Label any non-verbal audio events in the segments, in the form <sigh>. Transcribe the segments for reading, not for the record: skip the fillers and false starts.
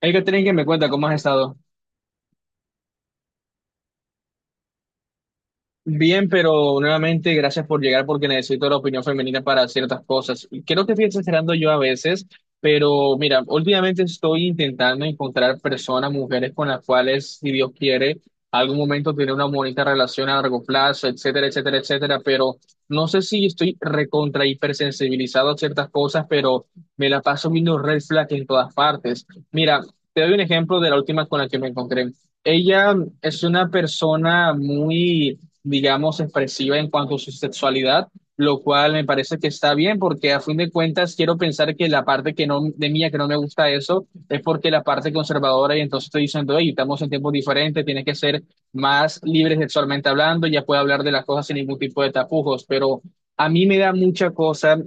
Hay que tener que me cuenta cómo has estado. Bien, pero nuevamente gracias por llegar porque necesito la opinión femenina para ciertas cosas. Y creo que estoy exagerando yo a veces, pero mira, últimamente estoy intentando encontrar personas, mujeres con las cuales, si Dios quiere, algún momento tener una bonita relación a largo plazo, etcétera, etcétera, etcétera. Pero no sé si estoy recontra hipersensibilizado a ciertas cosas, pero me la paso viendo red flag en todas partes. Mira, te doy un ejemplo de la última con la que me encontré. Ella es una persona muy, digamos, expresiva en cuanto a su sexualidad, lo cual me parece que está bien porque a fin de cuentas quiero pensar que la parte que no, de mía que no me gusta eso es porque la parte conservadora y entonces estoy diciendo, hey, estamos en tiempos diferentes, tienes que ser más libre sexualmente hablando, ya puedo hablar de las cosas sin ningún tipo de tapujos, pero a mí me da mucha cosa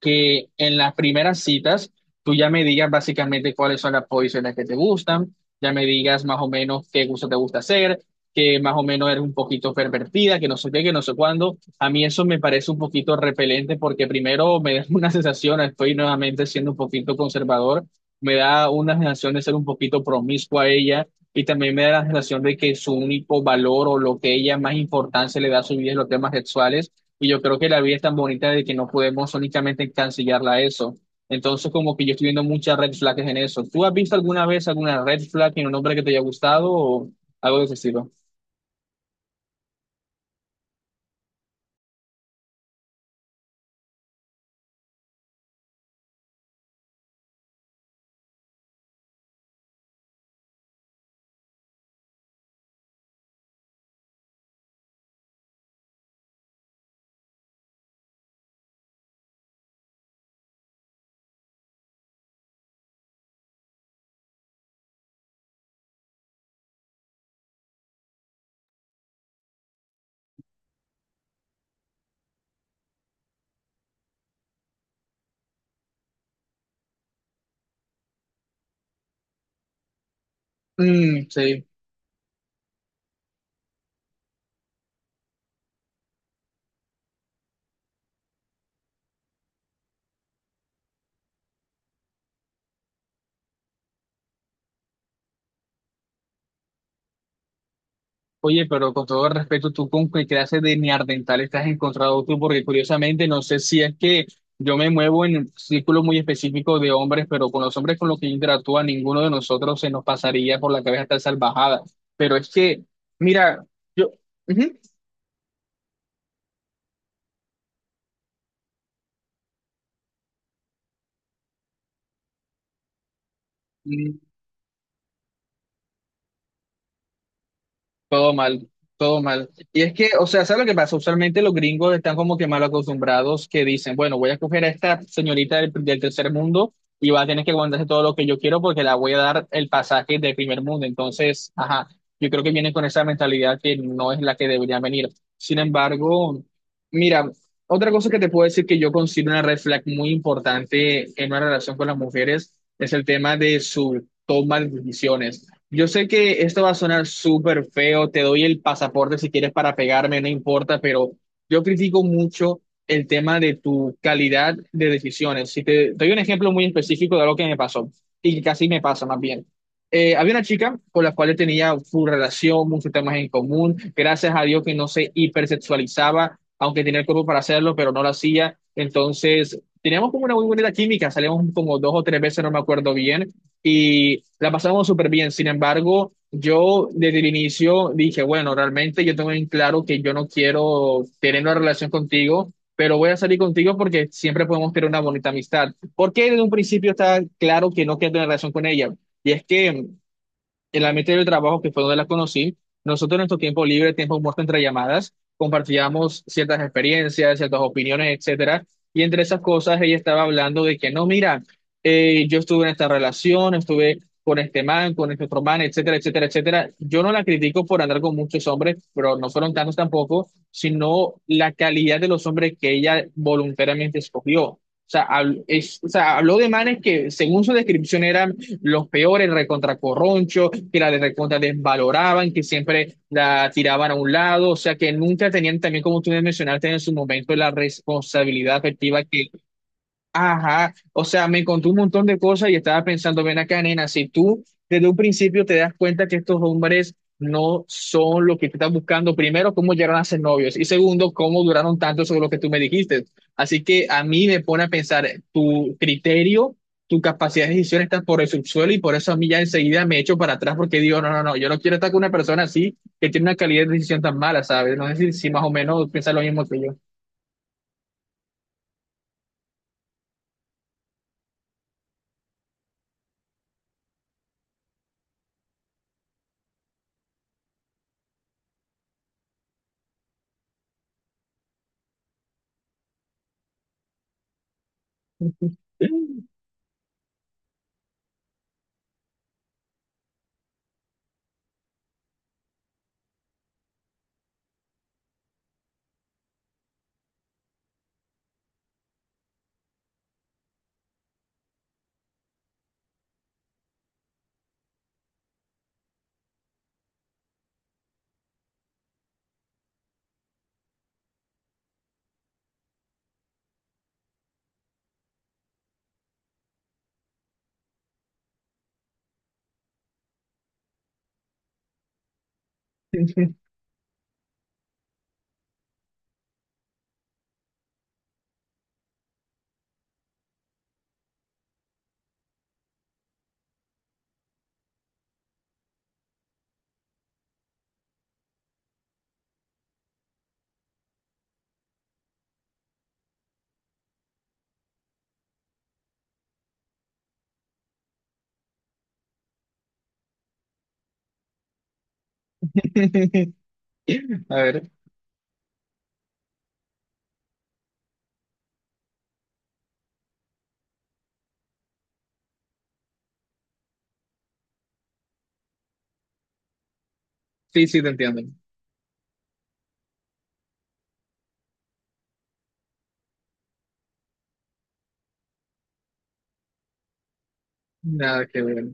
que en las primeras citas tú ya me digas básicamente cuáles son las posiciones que te gustan, ya me digas más o menos qué gusto te gusta hacer, que más o menos eres un poquito pervertida, que no sé qué, que no sé cuándo. A mí eso me parece un poquito repelente porque primero me da <laughs> una sensación, estoy nuevamente siendo un poquito conservador, me da una sensación de ser un poquito promiscua a ella. Y también me da la sensación de que su único valor o lo que ella más importancia le da a su vida es los temas sexuales y yo creo que la vida es tan bonita de que no podemos únicamente cancelarla a eso. Entonces, como que yo estoy viendo muchas red flags en eso. ¿Tú has visto alguna vez alguna red flag en un hombre que te haya gustado o algo de ese estilo? Mm, sí. Oye, pero con todo respeto, ¿tú con qué clase de neandertal te has encontrado tú? Porque curiosamente, no sé si es que yo me muevo en un círculo muy específico de hombres, pero con los hombres con los que yo interactúo, a ninguno de nosotros se nos pasaría por la cabeza tal salvajada. Pero es que, mira, yo... Ujú. Todo mal, todo mal. Y es que, o sea, ¿sabes lo que pasa? Usualmente los gringos están como que mal acostumbrados que dicen, bueno, voy a coger a esta señorita del tercer mundo y va a tener que aguantarse todo lo que yo quiero porque la voy a dar el pasaje del primer mundo. Entonces, ajá, yo creo que vienen con esa mentalidad que no es la que deberían venir. Sin embargo, mira, otra cosa que te puedo decir que yo considero una red flag muy importante en una relación con las mujeres es el tema de su toma de decisiones. Yo sé que esto va a sonar súper feo, te doy el pasaporte si quieres para pegarme, no importa, pero yo critico mucho el tema de tu calidad de decisiones. Si te doy un ejemplo muy específico de algo que me pasó y que casi me pasa más bien. Había una chica con la cual yo tenía su relación, muchos temas en común, gracias a Dios que no se hipersexualizaba, aunque tenía el cuerpo para hacerlo, pero no lo hacía. Entonces, teníamos como una muy bonita química, salíamos como dos o tres veces, no me acuerdo bien y la pasamos súper bien. Sin embargo, yo desde el inicio dije, bueno, realmente yo tengo en claro que yo no quiero tener una relación contigo, pero voy a salir contigo porque siempre podemos tener una bonita amistad. ¿Por qué desde un principio está claro que no quiero tener relación con ella? Y es que en la ambiente del trabajo, que fue donde la conocí, nosotros en nuestro tiempo libre, tiempo muerto entre llamadas, compartíamos ciertas experiencias, ciertas opiniones, etcétera. Y entre esas cosas, ella estaba hablando de que no, mira, yo estuve en esta relación, estuve con este man, con este otro man, etcétera, etcétera, etcétera. Yo no la critico por andar con muchos hombres, pero no fueron tantos tampoco, sino la calidad de los hombres que ella voluntariamente escogió. O sea, o sea, habló de manes que, según su descripción, eran los peores, recontra corroncho, que la de recontra desvaloraban, que siempre la tiraban a un lado, o sea que nunca tenían también, como tú mencionaste en su momento, la responsabilidad afectiva que... Ajá, o sea, me contó un montón de cosas y estaba pensando, ven acá, nena, si tú desde un principio te das cuenta que estos hombres no son lo que tú estás buscando, primero, cómo llegaron a ser novios y segundo, cómo duraron tanto sobre lo que tú me dijiste. Así que a mí me pone a pensar, tu criterio, tu capacidad de decisión está por el subsuelo y por eso a mí ya enseguida me echo para atrás porque digo, no, no, no, yo no quiero estar con una persona así que tiene una calidad de decisión tan mala, ¿sabes? No sé si, si más o menos piensas lo mismo que yo. <laughs> <laughs> A ver. Sí, sí, te entiendo. Nada que ver.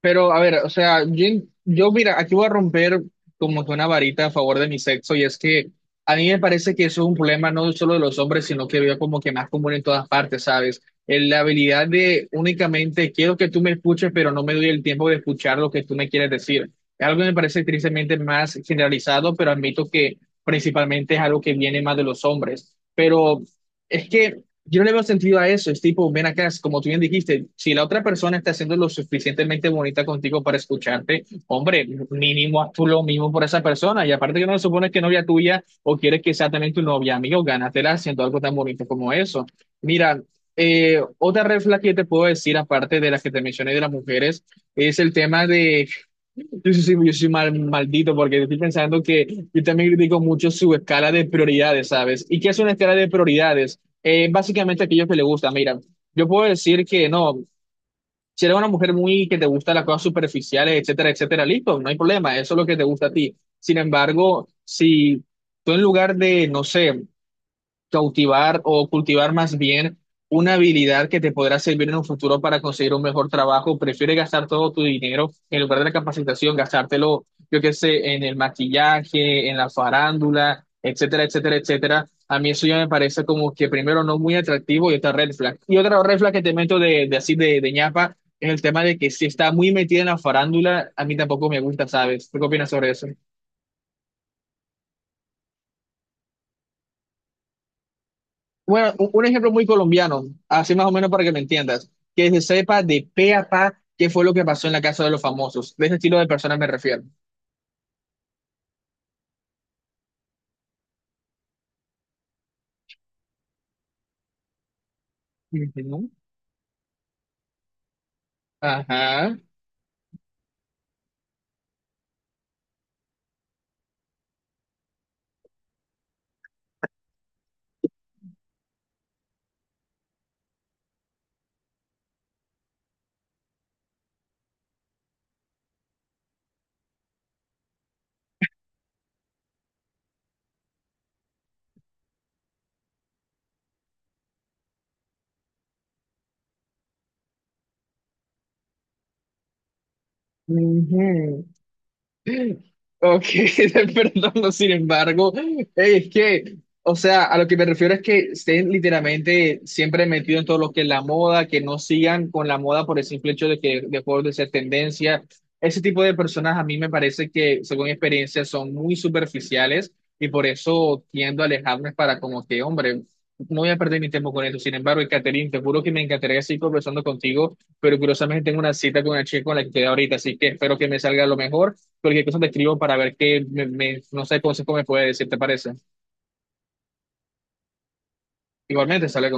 Pero, a ver, o sea, yo, mira, aquí voy a romper como que una varita a favor de mi sexo, y es que a mí me parece que eso es un problema no solo de los hombres, sino que veo como que más común en todas partes, ¿sabes? En la habilidad de únicamente quiero que tú me escuches, pero no me doy el tiempo de escuchar lo que tú me quieres decir. Es algo que me parece tristemente más generalizado, pero admito que principalmente es algo que viene más de los hombres. Pero es que yo no le veo sentido a eso, es tipo, ven acá, es como tú bien dijiste, si la otra persona está siendo lo suficientemente bonita contigo para escucharte, hombre, mínimo haz tú lo mismo por esa persona, y aparte que no le supones que es novia tuya o quieres que sea también tu novia, amigo, gánatela haciendo algo tan bonito como eso. Mira, otra red flag que te puedo decir, aparte de las que te mencioné de las mujeres, es el tema de yo soy maldito porque estoy pensando que yo también critico mucho su escala de prioridades, ¿sabes? ¿Y qué es una escala de prioridades? Básicamente aquello que le gusta, mira, yo puedo decir que no, si eres una mujer muy que te gusta las cosas superficiales, etcétera, etcétera, listo, no hay problema, eso es lo que te gusta a ti. Sin embargo, si tú en lugar de, no sé, cautivar o cultivar más bien una habilidad que te podrá servir en un futuro para conseguir un mejor trabajo. Prefiere gastar todo tu dinero en lugar de la capacitación, gastártelo, yo qué sé, en el maquillaje, en la farándula, etcétera, etcétera, etcétera. A mí eso ya me parece como que primero no muy atractivo y otra red flag. Y otra red flag que te meto de así de ñapa es el tema de que si está muy metida en la farándula, a mí tampoco me gusta, ¿sabes? ¿Tú qué opinas sobre eso? Bueno, un ejemplo muy colombiano, así más o menos para que me entiendas, que se sepa de pe a pa qué fue lo que pasó en la casa de los famosos. De ese estilo de personas me refiero. Ujú. Ajá. Ujú. Ok, <laughs> perdón, no, sin embargo, o sea, a lo que me refiero es que estén literalmente siempre metidos en todo lo que es la moda, que no sigan con la moda por el simple hecho de que dejó de ser tendencia. Ese tipo de personas a mí me parece que, según mi experiencia, son muy superficiales y por eso tiendo a alejarme para como que, hombre, no voy a perder mi tiempo con esto. Sin embargo, Catherine, te juro que me encantaría seguir conversando contigo, pero curiosamente tengo una cita con una chica con la que quedé ahorita, así que espero que me salga lo mejor cualquier cosa te escribo para ver qué, no sé, consejo me puede decir, ¿te parece? Igualmente, sale.